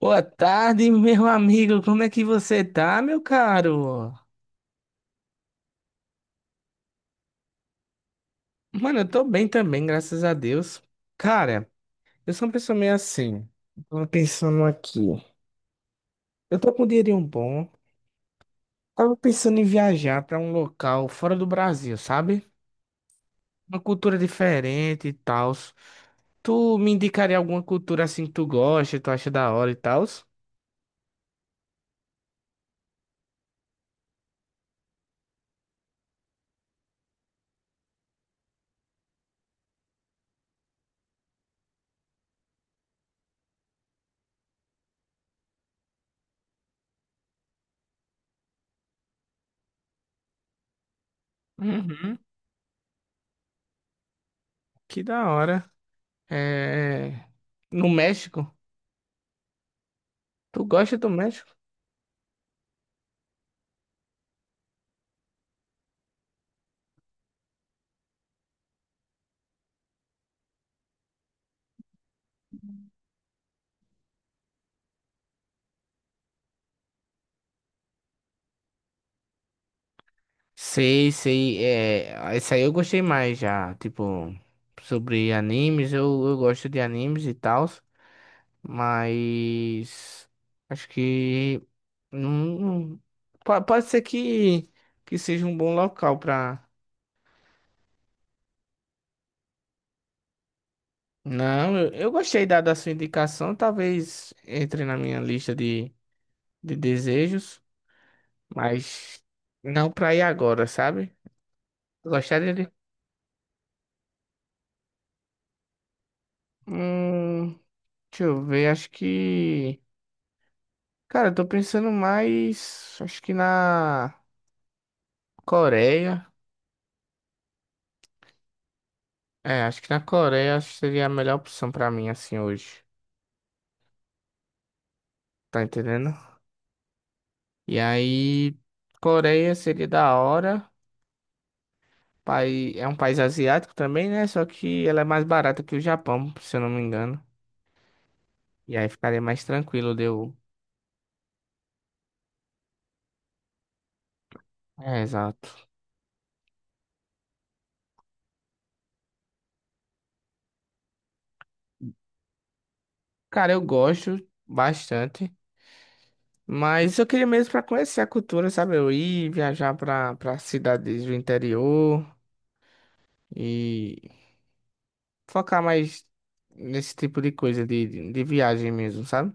Boa tarde, meu amigo. Como é que você tá, meu caro? Mano, eu tô bem também, graças a Deus. Cara, eu sou uma pessoa meio assim. Tava pensando aqui. Eu tô com um dinheirinho bom. Tava pensando em viajar pra um local fora do Brasil, sabe? Uma cultura diferente e tal. Tu me indicaria alguma cultura assim que tu gosta, tu acha da hora e tal? Uhum, que da hora. É... No México? Tu gosta do México? Sei, sei, é, esse aí eu gostei mais já, tipo, sobre animes, eu gosto de animes e tal, mas acho que não, não- pode ser que seja um bom local pra... Não, eu gostei da sua indicação, talvez entre na minha lista de desejos, mas não pra ir agora, sabe? Gostaria de... Hum, deixa eu ver, acho que... Cara, eu tô pensando mais, acho que na Coreia. É, acho que na Coreia acho que seria a melhor opção pra mim assim hoje. Tá entendendo? E aí, Coreia seria da hora. Pai, é um país asiático também, né? Só que ela é mais barata que o Japão, se eu não me engano. E aí ficaria mais tranquilo de eu. É, exato. Cara, eu gosto bastante, mas eu queria mesmo pra conhecer a cultura, sabe? Eu ir viajar pra para cidades do interior. E focar mais nesse tipo de coisa, de viagem mesmo, sabe?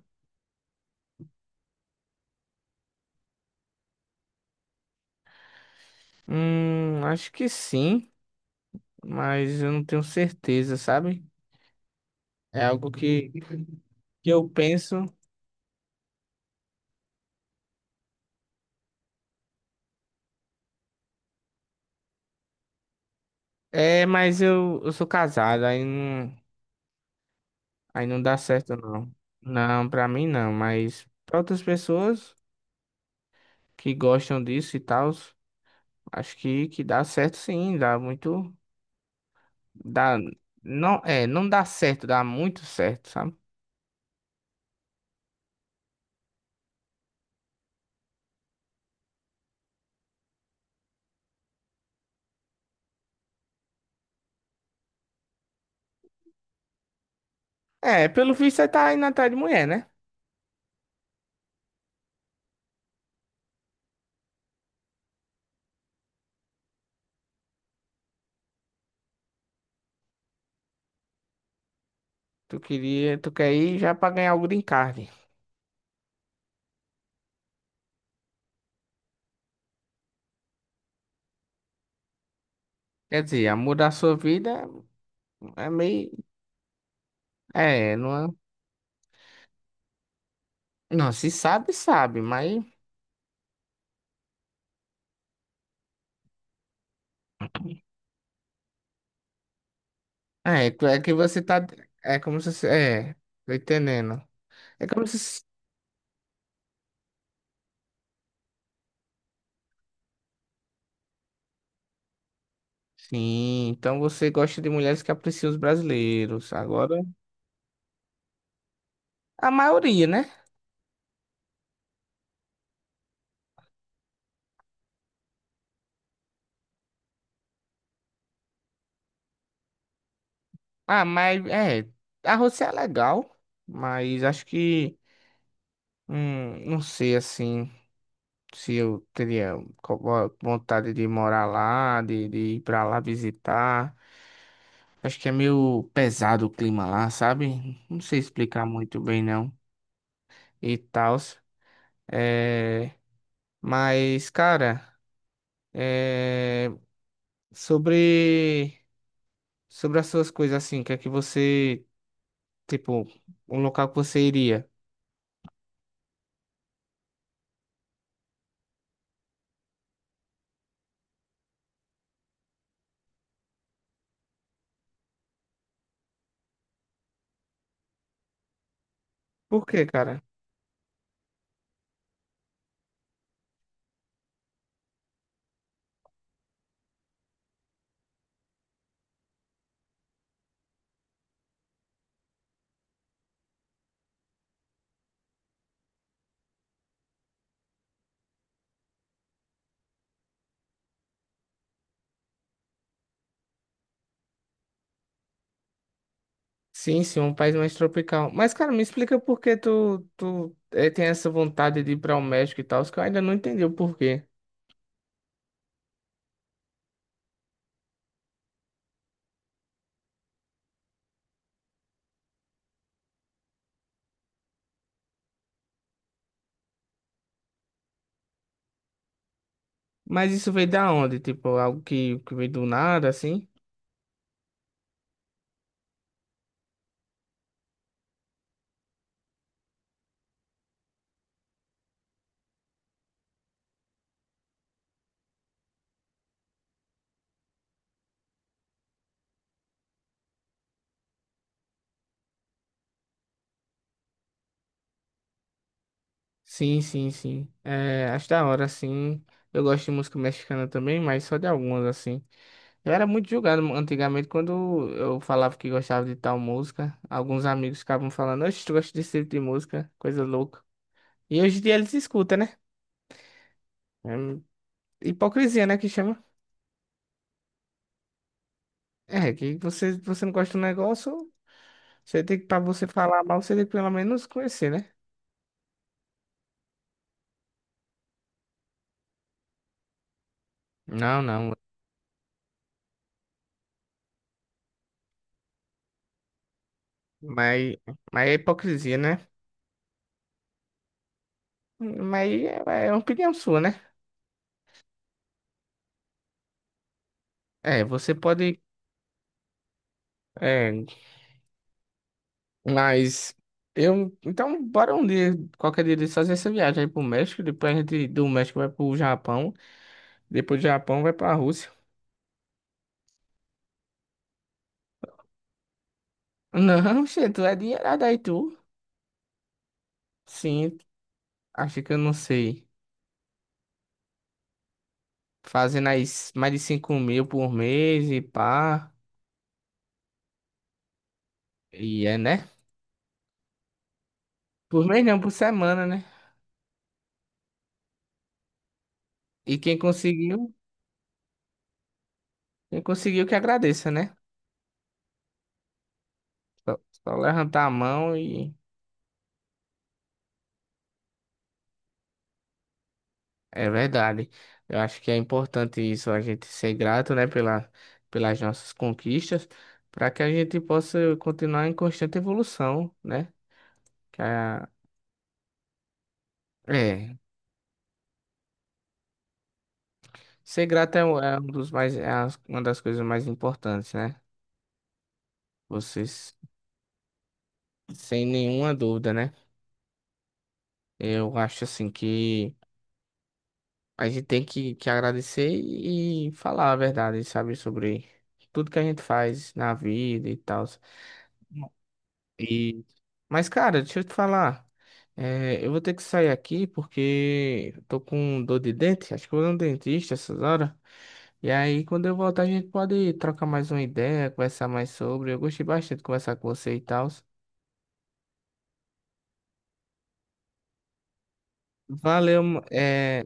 Acho que sim, mas eu não tenho certeza, sabe? É algo que eu penso. É, mas eu sou casado, aí não dá certo, não. Não, pra mim não, mas pra outras pessoas que gostam disso e tal, acho que dá certo sim, dá muito. Dá, não, é, não dá certo, dá muito certo, sabe? É, pelo visto você tá indo atrás de mulher, né? Tu quer ir já pra ganhar o green card. Quer dizer, a mudar a sua vida é meio. É. Não, se sabe, sabe, mas. É, é que você tá. É como se. É, tô entendendo. É como se. Sim, então você gosta de mulheres que apreciam os brasileiros. Agora. A maioria, né? Ah, mas. É. A Rosé é legal, mas acho que. Não sei assim. Se eu teria vontade de morar lá, de ir pra lá visitar. Acho que é meio pesado o clima lá, sabe? Não sei explicar muito bem não e tal. É. Mas, cara, é, sobre sobre as suas coisas assim, o que é que você, tipo, um local que você iria? Por quê, cara? Sim, sim, um país mais tropical. Mas, cara, me explica por que tu tem essa vontade de ir para o México e tal, que eu ainda não entendi o porquê. Mas isso veio da onde? Tipo, algo que veio do nada, assim? Sim, sim, sim. É, acho da hora, assim. Eu gosto de música mexicana também, mas só de algumas, assim. Eu era muito julgado antigamente quando eu falava que gostava de tal música. Alguns amigos ficavam falando, oxe, tu gosta desse tipo de música, coisa louca. E hoje em dia eles escutam, né? É hipocrisia, né, que chama. É, você não gosta do negócio, você tem que, pra você falar mal, você tem que pelo menos conhecer, né? Não, não. Mas, mas é hipocrisia, né? Mas aí é opinião sua, né? É, você pode. É, mas eu. Então, bora um dia, qualquer dia, desse, fazer essa viagem aí pro México. Depois a gente do México vai pro Japão. Depois do Japão vai pra Rússia. Não, gente, tu é dinheirada aí, tu. Sim, acho que eu não sei. Fazendo aí mais de 5.000 por mês e pá. E é, né? Por mês não, por semana, né? E quem conseguiu que agradeça, né? Só, só levantar a mão e. É verdade. Eu acho que é importante isso, a gente ser grato, né, pela, pelas nossas conquistas, para que a gente possa continuar em constante evolução, né? Que a- é, ser grato é um dos mais, é uma das coisas mais importantes, né? Vocês, sem nenhuma dúvida, né? Eu acho assim que a gente tem que agradecer e falar a verdade, sabe, sobre tudo que a gente faz na vida e tal. E... Mas, cara, deixa eu te falar. É, eu vou ter que sair aqui porque eu tô com dor de dente. Acho que eu vou no dentista essas horas. E aí, quando eu voltar, a gente pode trocar mais uma ideia, conversar mais sobre. Eu gostei bastante de conversar com você e tal. Valeu, é,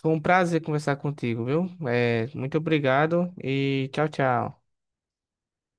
foi um prazer conversar contigo, viu? É, muito obrigado e tchau, tchau.